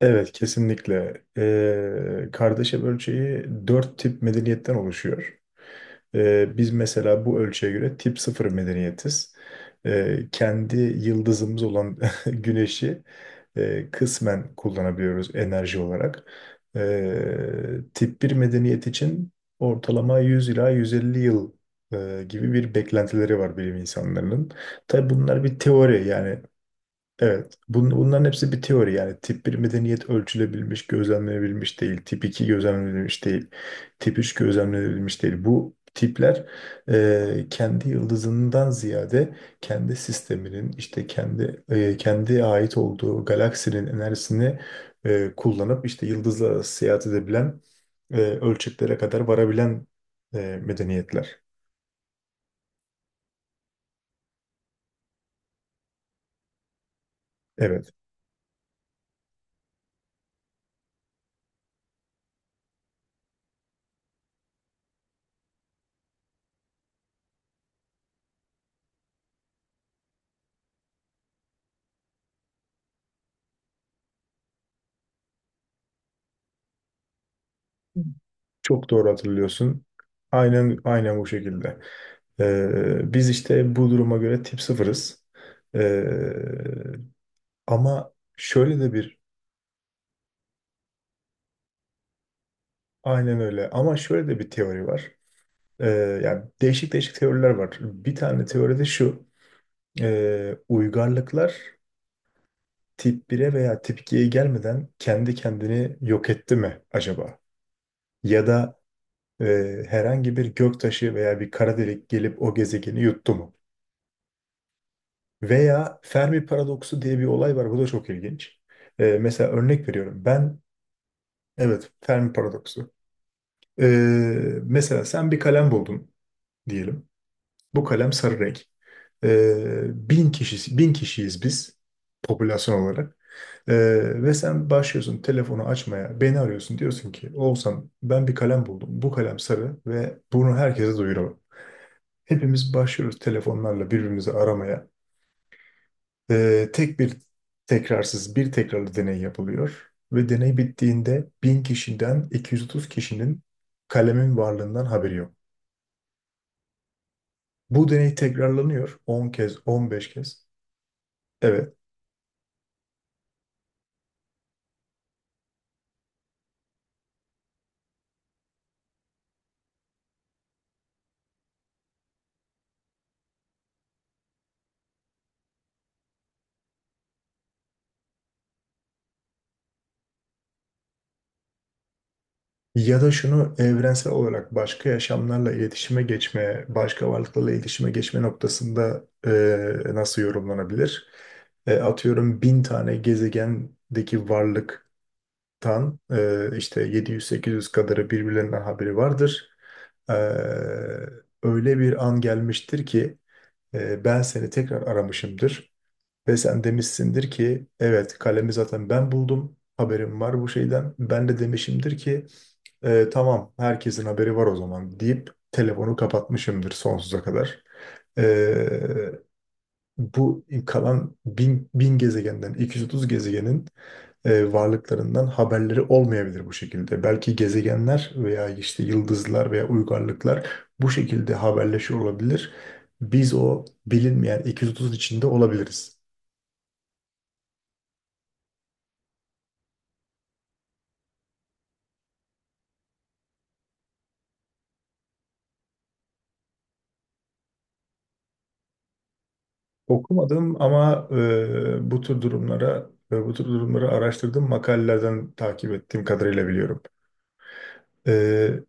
Evet, kesinlikle. Kardeşev ölçeği dört tip medeniyetten oluşuyor. Biz mesela bu ölçüye göre tip sıfır medeniyetiz. Kendi yıldızımız olan güneşi kısmen kullanabiliyoruz enerji olarak. Ee, tip bir medeniyet için ortalama 100 ila 150 yıl gibi bir beklentileri var bilim insanlarının. Tabii bunlar bir teori, yani evet. Bunların hepsi bir teori yani. Tip bir medeniyet ölçülebilmiş, gözlemlenebilmiş değil. Tip 2 gözlemlenebilmiş değil. Tip 3 gözlemlenebilmiş değil. Bu tipler kendi yıldızından ziyade kendi sisteminin işte kendi kendi ait olduğu galaksinin enerjisini kullanıp işte yıldızla arası seyahat edebilen ölçeklere kadar varabilen medeniyetler. Evet. Çok doğru hatırlıyorsun. Aynen aynen bu şekilde. Biz işte bu duruma göre tip sıfırız. Ee, ama şöyle de bir aynen öyle, ama şöyle de bir teori var. Ee, yani değişik değişik teoriler var. Bir tane teoride şu: uygarlıklar tip bir'e veya tip 2'ye gelmeden kendi kendini yok etti mi acaba? Ya da herhangi bir göktaşı veya bir kara delik gelip o gezegeni yuttu mu? Veya Fermi paradoksu diye bir olay var. Bu da çok ilginç. Mesela örnek veriyorum. Ben, evet, Fermi paradoksu. Ee, mesela sen bir kalem buldun diyelim. Bu kalem sarı renk. Ee, bin kişi, bin kişiyiz biz popülasyon olarak. Ve sen başlıyorsun telefonu açmaya, beni arıyorsun. Diyorsun ki Oğuzhan, ben bir kalem buldum. Bu kalem sarı ve bunu herkese duyuralım. Hepimiz başlıyoruz telefonlarla birbirimizi aramaya. Ee, tek bir tekrarsız bir tekrarlı deney yapılıyor ve deney bittiğinde 1000 kişiden 230 kişinin kalemin varlığından haberi yok. Bu deney tekrarlanıyor 10 kez, 15 kez. Evet. Ya da şunu evrensel olarak başka yaşamlarla iletişime geçme, başka varlıklarla iletişime geçme noktasında nasıl yorumlanabilir? Atıyorum bin tane gezegendeki varlık tan işte 700-800 kadarı birbirlerinden haberi vardır. E, öyle bir an gelmiştir ki ben seni tekrar aramışımdır ve sen demişsindir ki evet, kalemi zaten ben buldum. Haberim var bu şeyden. Ben de demişimdir ki tamam, herkesin haberi var o zaman" deyip telefonu kapatmışımdır sonsuza kadar. E, bu kalan bin, bin gezegenden 230 gezegenin varlıklarından haberleri olmayabilir bu şekilde. Belki gezegenler veya işte yıldızlar veya uygarlıklar bu şekilde haberleşiyor olabilir. Biz o bilinmeyen 230 içinde olabiliriz. Okumadım ama bu tür durumları araştırdığım makalelerden takip ettiğim kadarıyla biliyorum. E,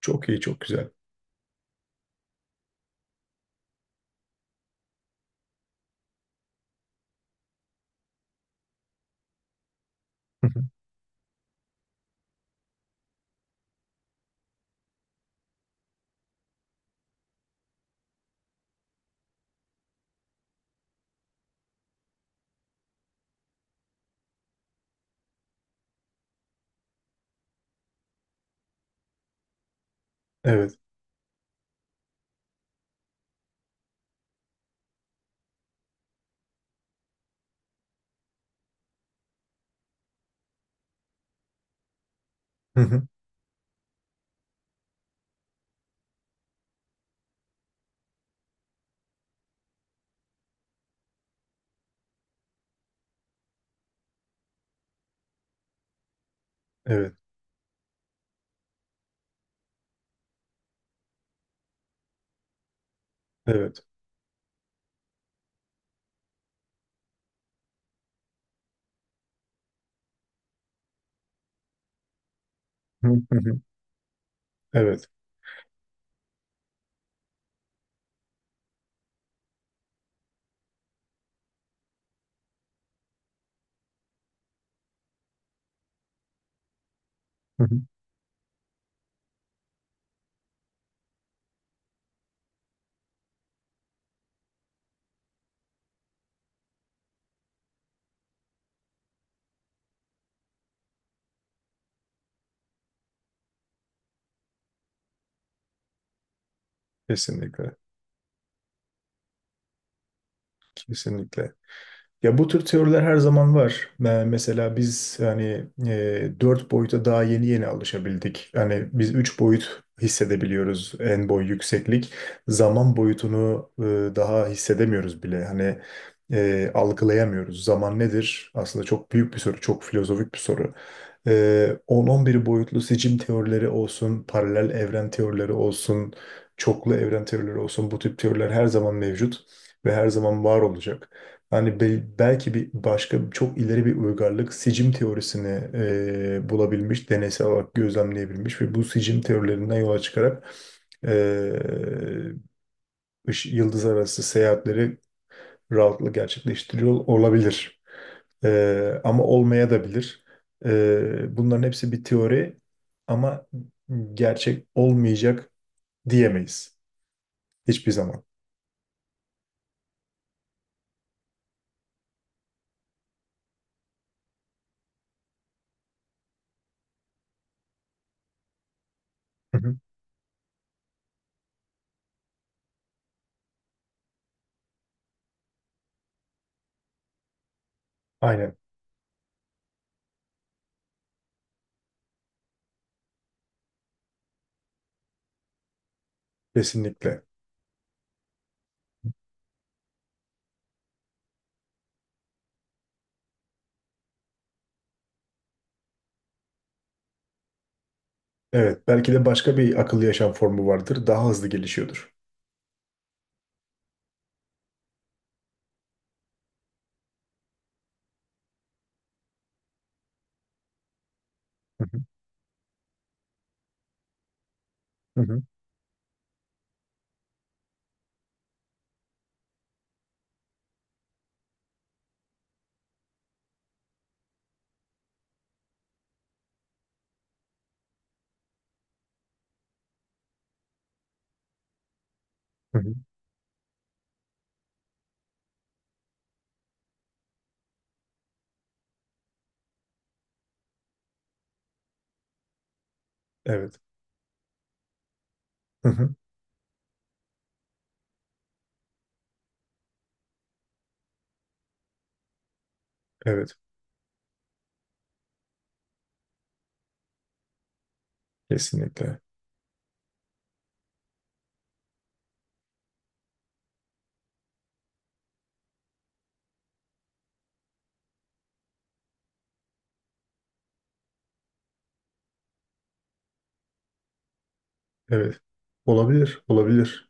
çok iyi, çok güzel. Evet. Evet. Hı hı. Evet. Evet. Hı hı. Evet. Hı hı. Kesinlikle. Kesinlikle. Ya bu tür teoriler her zaman var. Mesela biz hani dört boyuta daha yeni yeni alışabildik. Hani biz üç boyut hissedebiliyoruz: en, boy, yükseklik. Zaman boyutunu daha hissedemiyoruz bile. Hani algılayamıyoruz. Zaman nedir? Aslında çok büyük bir soru, çok filozofik bir soru. On on bir boyutlu seçim teorileri olsun, paralel evren teorileri olsun, çoklu evren teorileri olsun, bu tip teoriler her zaman mevcut ve her zaman var olacak. Yani belki bir başka çok ileri bir uygarlık sicim teorisini bulabilmiş, deneysel olarak gözlemleyebilmiş ve bu sicim teorilerinden yola çıkarak e, yıldız arası seyahatleri rahatlıkla gerçekleştiriyor olabilir. Ama olmaya da bilir. Bunların hepsi bir teori, ama gerçek olmayacak diyemeyiz. Hiçbir zaman. Hı hı. Aynen. Kesinlikle. Evet. Belki de başka bir akıllı yaşam formu vardır. Daha hızlı gelişiyordur. Hı hı. Hı hı. Hı hı. Evet. Hı hı. Evet. Kesinlikle. Evet. Olabilir. Olabilir.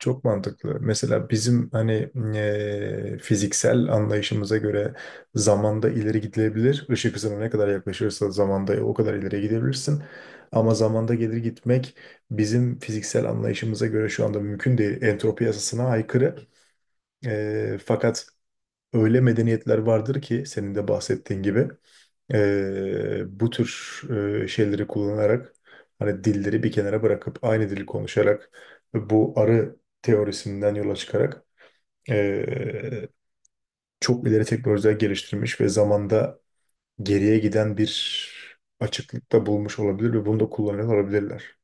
Çok mantıklı. Mesela bizim hani fiziksel anlayışımıza göre zamanda ileri gidilebilir. Işık hızına ne kadar yaklaşırsa zamanda o kadar ileri gidebilirsin. Ama zamanda gelir gitmek bizim fiziksel anlayışımıza göre şu anda mümkün değil. Entropi yasasına aykırı. Fakat öyle medeniyetler vardır ki senin de bahsettiğin gibi. Bu tür şeyleri kullanarak hani dilleri bir kenara bırakıp aynı dili konuşarak ve bu arı teorisinden yola çıkarak e, çok ileri teknolojiler geliştirmiş ve zamanda geriye giden bir açıklıkta bulmuş olabilir ve bunu da kullanıyor olabilirler.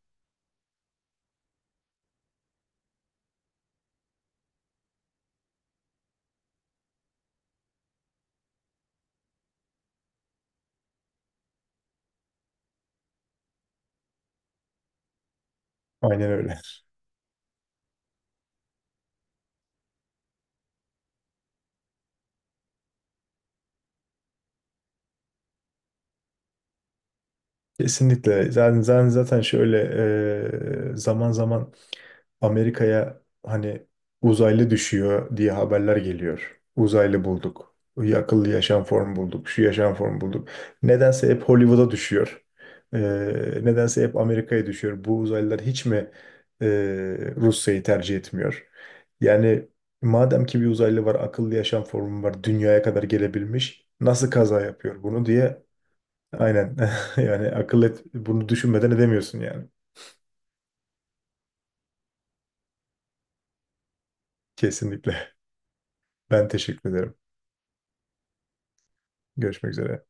Aynen öyle. Kesinlikle. Zaten zaten zaten şöyle zaman zaman Amerika'ya hani uzaylı düşüyor diye haberler geliyor. Uzaylı bulduk. Akıllı yaşam formu bulduk. Şu yaşam formu bulduk. Nedense hep Hollywood'a düşüyor. Ee, nedense hep Amerika'ya düşüyor. Bu uzaylılar hiç mi e, Rusya'yı tercih etmiyor? Yani madem ki bir uzaylı var, akıllı yaşam formu var, dünyaya kadar gelebilmiş, nasıl kaza yapıyor bunu diye aynen yani akıl et, bunu düşünmeden edemiyorsun yani. Kesinlikle. Ben teşekkür ederim. Görüşmek üzere.